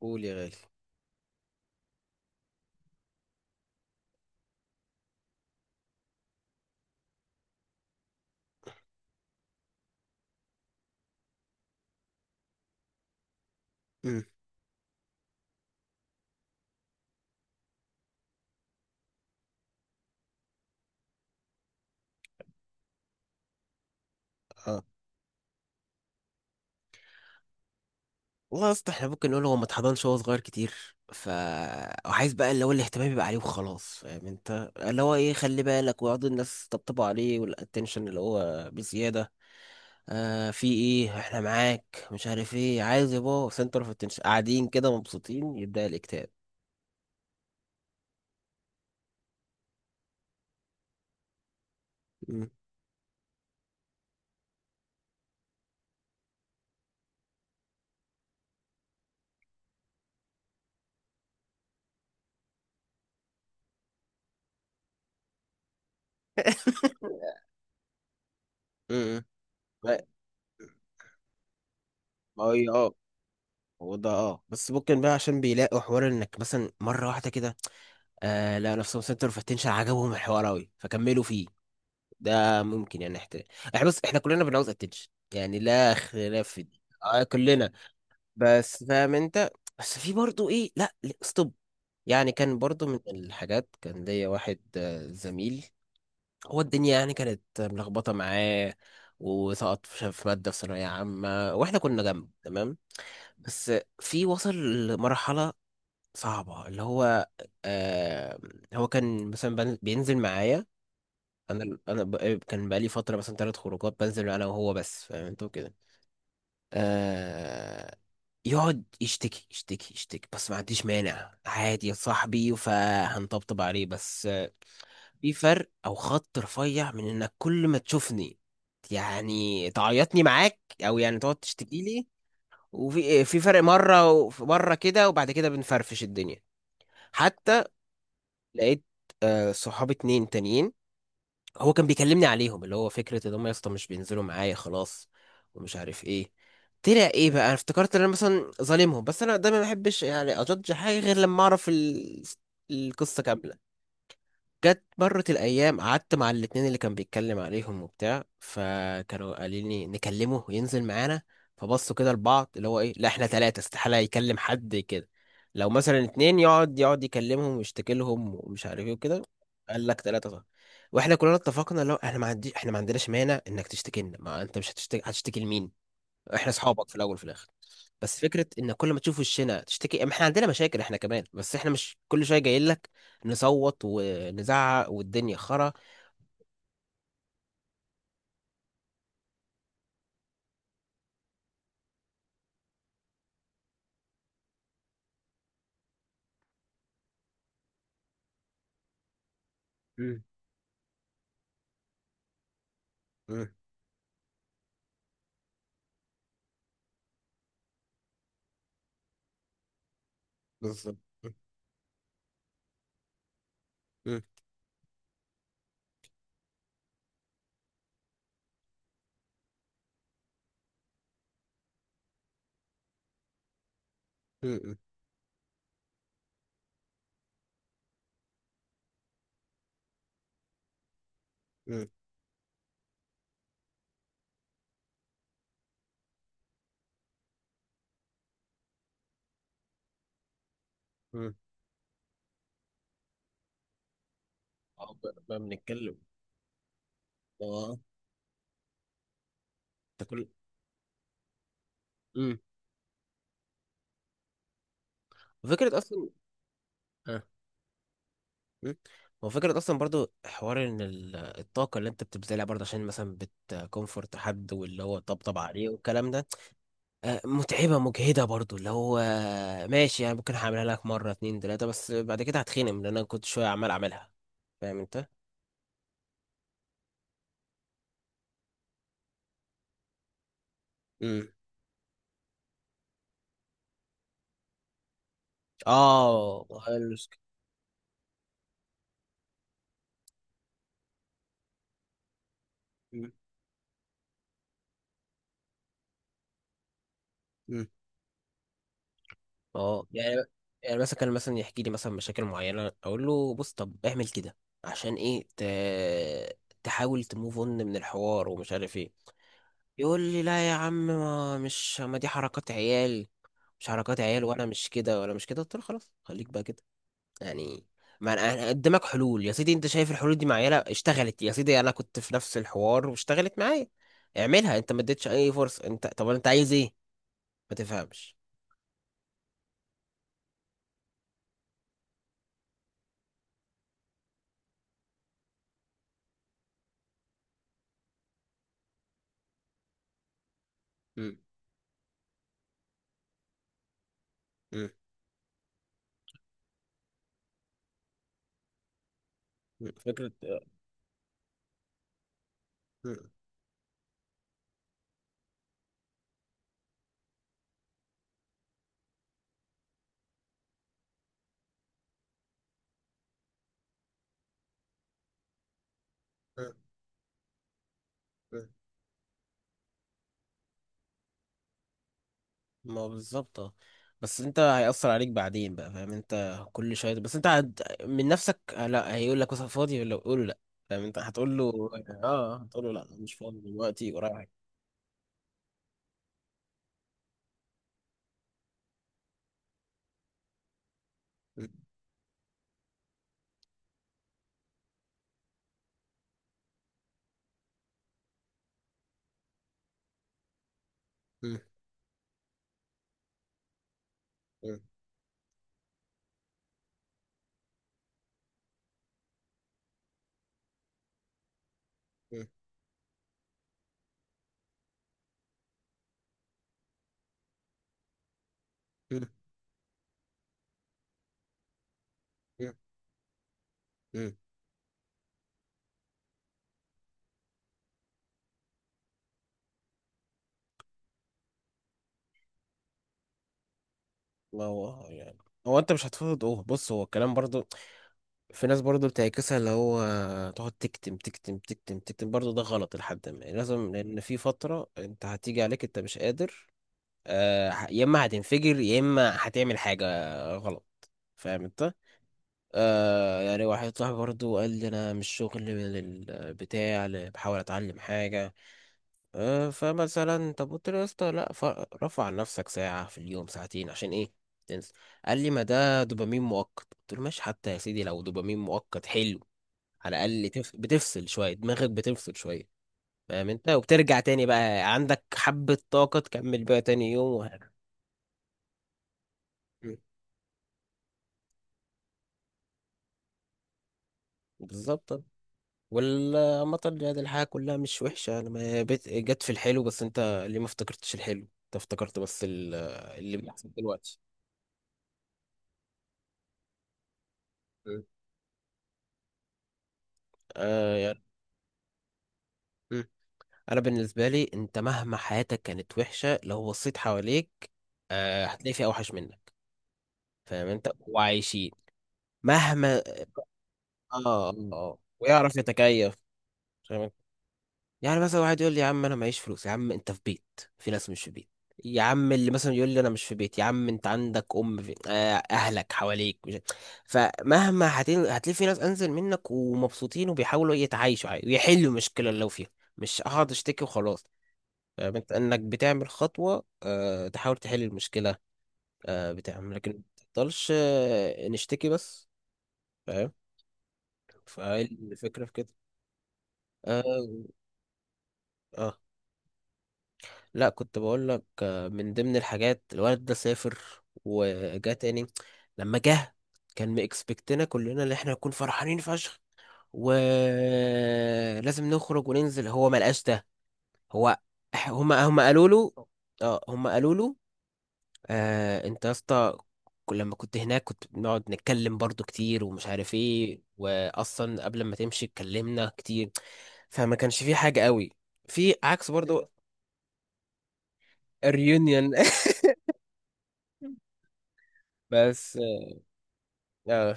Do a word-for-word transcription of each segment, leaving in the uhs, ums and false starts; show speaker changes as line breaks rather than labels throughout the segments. قول يا غالي. امم اه والله يا اسطى، احنا ممكن نقول هو ما اتحضنش وهو صغير كتير، ف وعايز بقى اللي هو الاهتمام يبقى عليه وخلاص. فاهم انت اللي هو ايه؟ خلي بالك ويقعدوا الناس تطبطبوا عليه، والاتنشن اللي هو بزياده. آه، في ايه؟ احنا معاك، مش عارف ايه عايز يا بابا، سنتر اوف اتنشن، قاعدين كده مبسوطين، يبدا الاكتئاب. امم امم ما ما هو إيه، اه. هو ده، اه، بس ممكن بقى عشان بيلاقوا حوار انك مثلا مره واحده كده آه، لا، نفسهم سنتر اوف اتنشن، عجبهم الحوار قوي، فكملوا. ده ممكن يعني احترام. احنا بص، احنا كلنا بنعوز اتنشن، يعني لا خلاف في دي، آه، كلنا. بس فاهم انت؟ بس في برضو ايه، لا، ستوب. يعني كان برضو من الحاجات، كان ليا واحد آه، زميل، هو الدنيا يعني كانت ملخبطة معاه، وسقط في في مادة في ثانوية عامة واحنا كنا جنب، تمام؟ بس، في وصل لمرحلة صعبة اللي هو آه، هو كان مثلا بن- بينزل معايا. انا انا بقى كان بقالي فتره مثلا ثلاث خروجات بنزل انا وهو بس، فاهم انت كده. آه، يقعد يشتكي يشتكي يشتكي، بس ما عنديش مانع، عادي يا صاحبي، فهنطبطب عليه بس آه، في فرق او خط رفيع من انك كل ما تشوفني يعني تعيطني معاك، او يعني تقعد تشتكي لي. وفي في فرق مره ومره كده، وبعد كده بنفرفش الدنيا. حتى لقيت آه، صحابي اتنين تانيين، هو كان بيكلمني عليهم، اللي هو فكرة ان هم يا اسطى مش بينزلوا معايا خلاص ومش عارف ايه، طلع ايه بقى؟ انا افتكرت ان انا مثلا ظالمهم، بس انا دايما ما بحبش يعني اجدج حاجة غير لما اعرف ال... القصة كاملة. جت مرت الأيام، قعدت مع الاتنين اللي كان بيتكلم عليهم وبتاع، فكانوا قالين لي نكلمه وينزل معانا. فبصوا كده لبعض، اللي هو إيه، لا، إحنا تلاتة استحالة يكلم حد كده. لو مثلا اتنين يقعد يقعد يكلمهم ويشتكي لهم ومش عارف إيه وكده. قال لك، تلاتة صح. واحنا كلنا اتفقنا، لو احنا ما عندي احنا ما عندناش مانع انك تشتكي لنا، ما انت مش هتشتكي، هتشتكي لمين؟ احنا اصحابك في الاول وفي الاخر. بس فكره ان كل ما تشوف وشنا تشتكي، ما احنا عندنا مشاكل، احنا كمان، بس احنا مش كل شويه جايين لك نصوت ونزعق والدنيا خرا. مم. مم. بالظبط. مم. مم. مم. مم. مم. اه بقى، بقى بنتكلم. اه. انت كل. مم. وفكره اصلا. ها. مم. هو فكرة أصلا برضو، حوار إن ال- الطاقة اللي أنت بتبذلها برضو عشان مثلا بتكونفورت حد واللي هو طبطب عليه والكلام ده آه، متعبة مجهدة برضو، اللي هو آه، ماشي يعني، ممكن هعملها لك مرة، اتنين، تلاتة، بس بعد كده هتخنم، لأن أنا كنت شوية عمال أعملها. فاهم أنت؟ امم اه ما هي المشكلة. أمم. أمم. اه يعني، يعني مثلا كان مثلا يحكي لي مثلا مشاكل معينة، أقول له بص، طب اعمل كده عشان إيه ت... تحاول تموف اون من الحوار ومش عارف إيه. يقول لي لا يا عم، ما مش ما دي حركات عيال. مش حركات عيال، وأنا مش كده ولا مش كده، قلت له خلاص، خليك بقى كده. يعني ما أنا- أنا قدامك حلول يا سيدي، انت شايف الحلول دي معينه، اشتغلت يا سيدي، انا كنت في نفس الحوار واشتغلت معايا، اعملها انت، ما اديتش اي فرصه انت، طب انت عايز ايه؟ ما تفهمش. مم. مم. مم. فكره. مم. مم. مم. ما هو بالظبط، اه. بس انت هيأثر عليك بعدين بقى، فاهم انت، كل شويه، بس انت هت... من نفسك آه، لا، هيقول لك مثلا فاضي، ولا قول له لا، فاهم انت هتقول له، اه، هتقول له لا، مش فاضي دلوقتي ورايح. مم. مم. مم. مم. مم. مم. ما هو يعني هو انت مش هتفرض، اوه بص، هو الكلام برضو في ناس برضو بتعكسها، اللي هو تقعد تكتم تكتم تكتم تكتم برضو ده غلط، لحد ما يعني لازم، لان في فترة انت هتيجي عليك انت مش قادر، آه، ه- يا اما هتنفجر يا اما هتعمل حاجة غلط. فاهم انت؟ آه يعني، واحد صاحبي برضو قال لي انا مش شغل من البتاع اللي بحاول اتعلم حاجة آه، فمثلا طب قلت له يا اسطى، لا، ف- رفع عن نفسك ساعة في اليوم، ساعتين، عشان ايه؟ تنسى. قال لي، ما ده دوبامين مؤقت. قلت له ماشي، حتى يا سيدي لو دوبامين مؤقت، حلو، على الأقل تف- بتفصل شوية دماغك، بتفصل شوية، فاهم انت، وبترجع تاني بقى عندك حبة طاقة، تكمل بقى تاني يوم، وهكذا. م. بالظبط. والعامة يعني الحياة كلها مش وحشة، انا ما بت- جت في الحلو بس، انت ليه ما افتكرتش الحلو؟ انت افتكرت بس ال- اللي بيحصل دلوقتي. م. آه يعني، انا بالنسبه لي انت مهما حياتك كانت وحشه، لو بصيت حواليك آه، هتلاقي في اوحش منك، فاهم انت؟ وعايشين. مهما. اه، اه، آه. ويعرف يتكيف. فاهم أنت؟ يعني مثلا واحد يقول لي يا عم انا معيش فلوس، يا عم انت في بيت، في ناس مش في بيت. يا عم اللي مثلا يقول لي انا مش في بيت، يا عم انت عندك ام، في آه اهلك حواليك مش... فمهما هتل... هتلاقي في ناس انزل منك ومبسوطين، وبيحاولوا يتعايشوا عادي، ويحلوا المشكله اللي لو فيها، مش هقعد اشتكي وخلاص. فاهم انت؟ انك بتعمل خطوة، آه، تحاول تحل المشكلة، آه، بتعمل، لكن ما تفضلش آه، نشتكي بس. فاهم؟ فالفكرة في كده. اه. آه. لا، كنت بقول لك آه، من ضمن الحاجات، الولد ده سافر وجا تاني. لما جه، كان مكسبكتنا كلنا ان احنا نكون فرحانين فشخ ولازم نخرج وننزل، هو ما لقاش ده. هو، هما هما قالوا له، اه، هما قالوا له آه، انت يا اسطى كل- لما كنت هناك كنت بنقعد نتكلم برضو كتير ومش عارف ايه، واصلا قبل ما تمشي اتكلمنا كتير، فما كانش في حاجة قوي، في عكس برضو. الريونيون بس آه،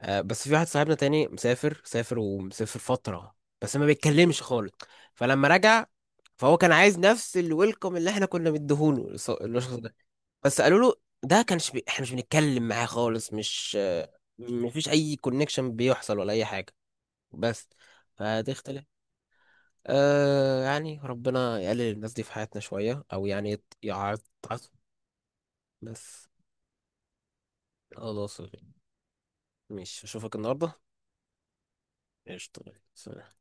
آه، بس في واحد صاحبنا تاني، مسافر، سافر ومسافر فترة، بس ما بيتكلمش خالص. فلما رجع، فهو كان عايز نفس الويلكم اللي احنا كنا مديهوله للشخص. بس قالوا له، ده كانش بي... احنا مش بنتكلم معاه خالص، مش آه، مفيش اي كونكشن بيحصل ولا اي حاجه، بس. فدي اختلاف. آه يعني، ربنا يقلل الناس دي في حياتنا شويه، او يعني يت- يعط عط- بس خلاص. مش اشوفك النهارده. قشطة، سلام.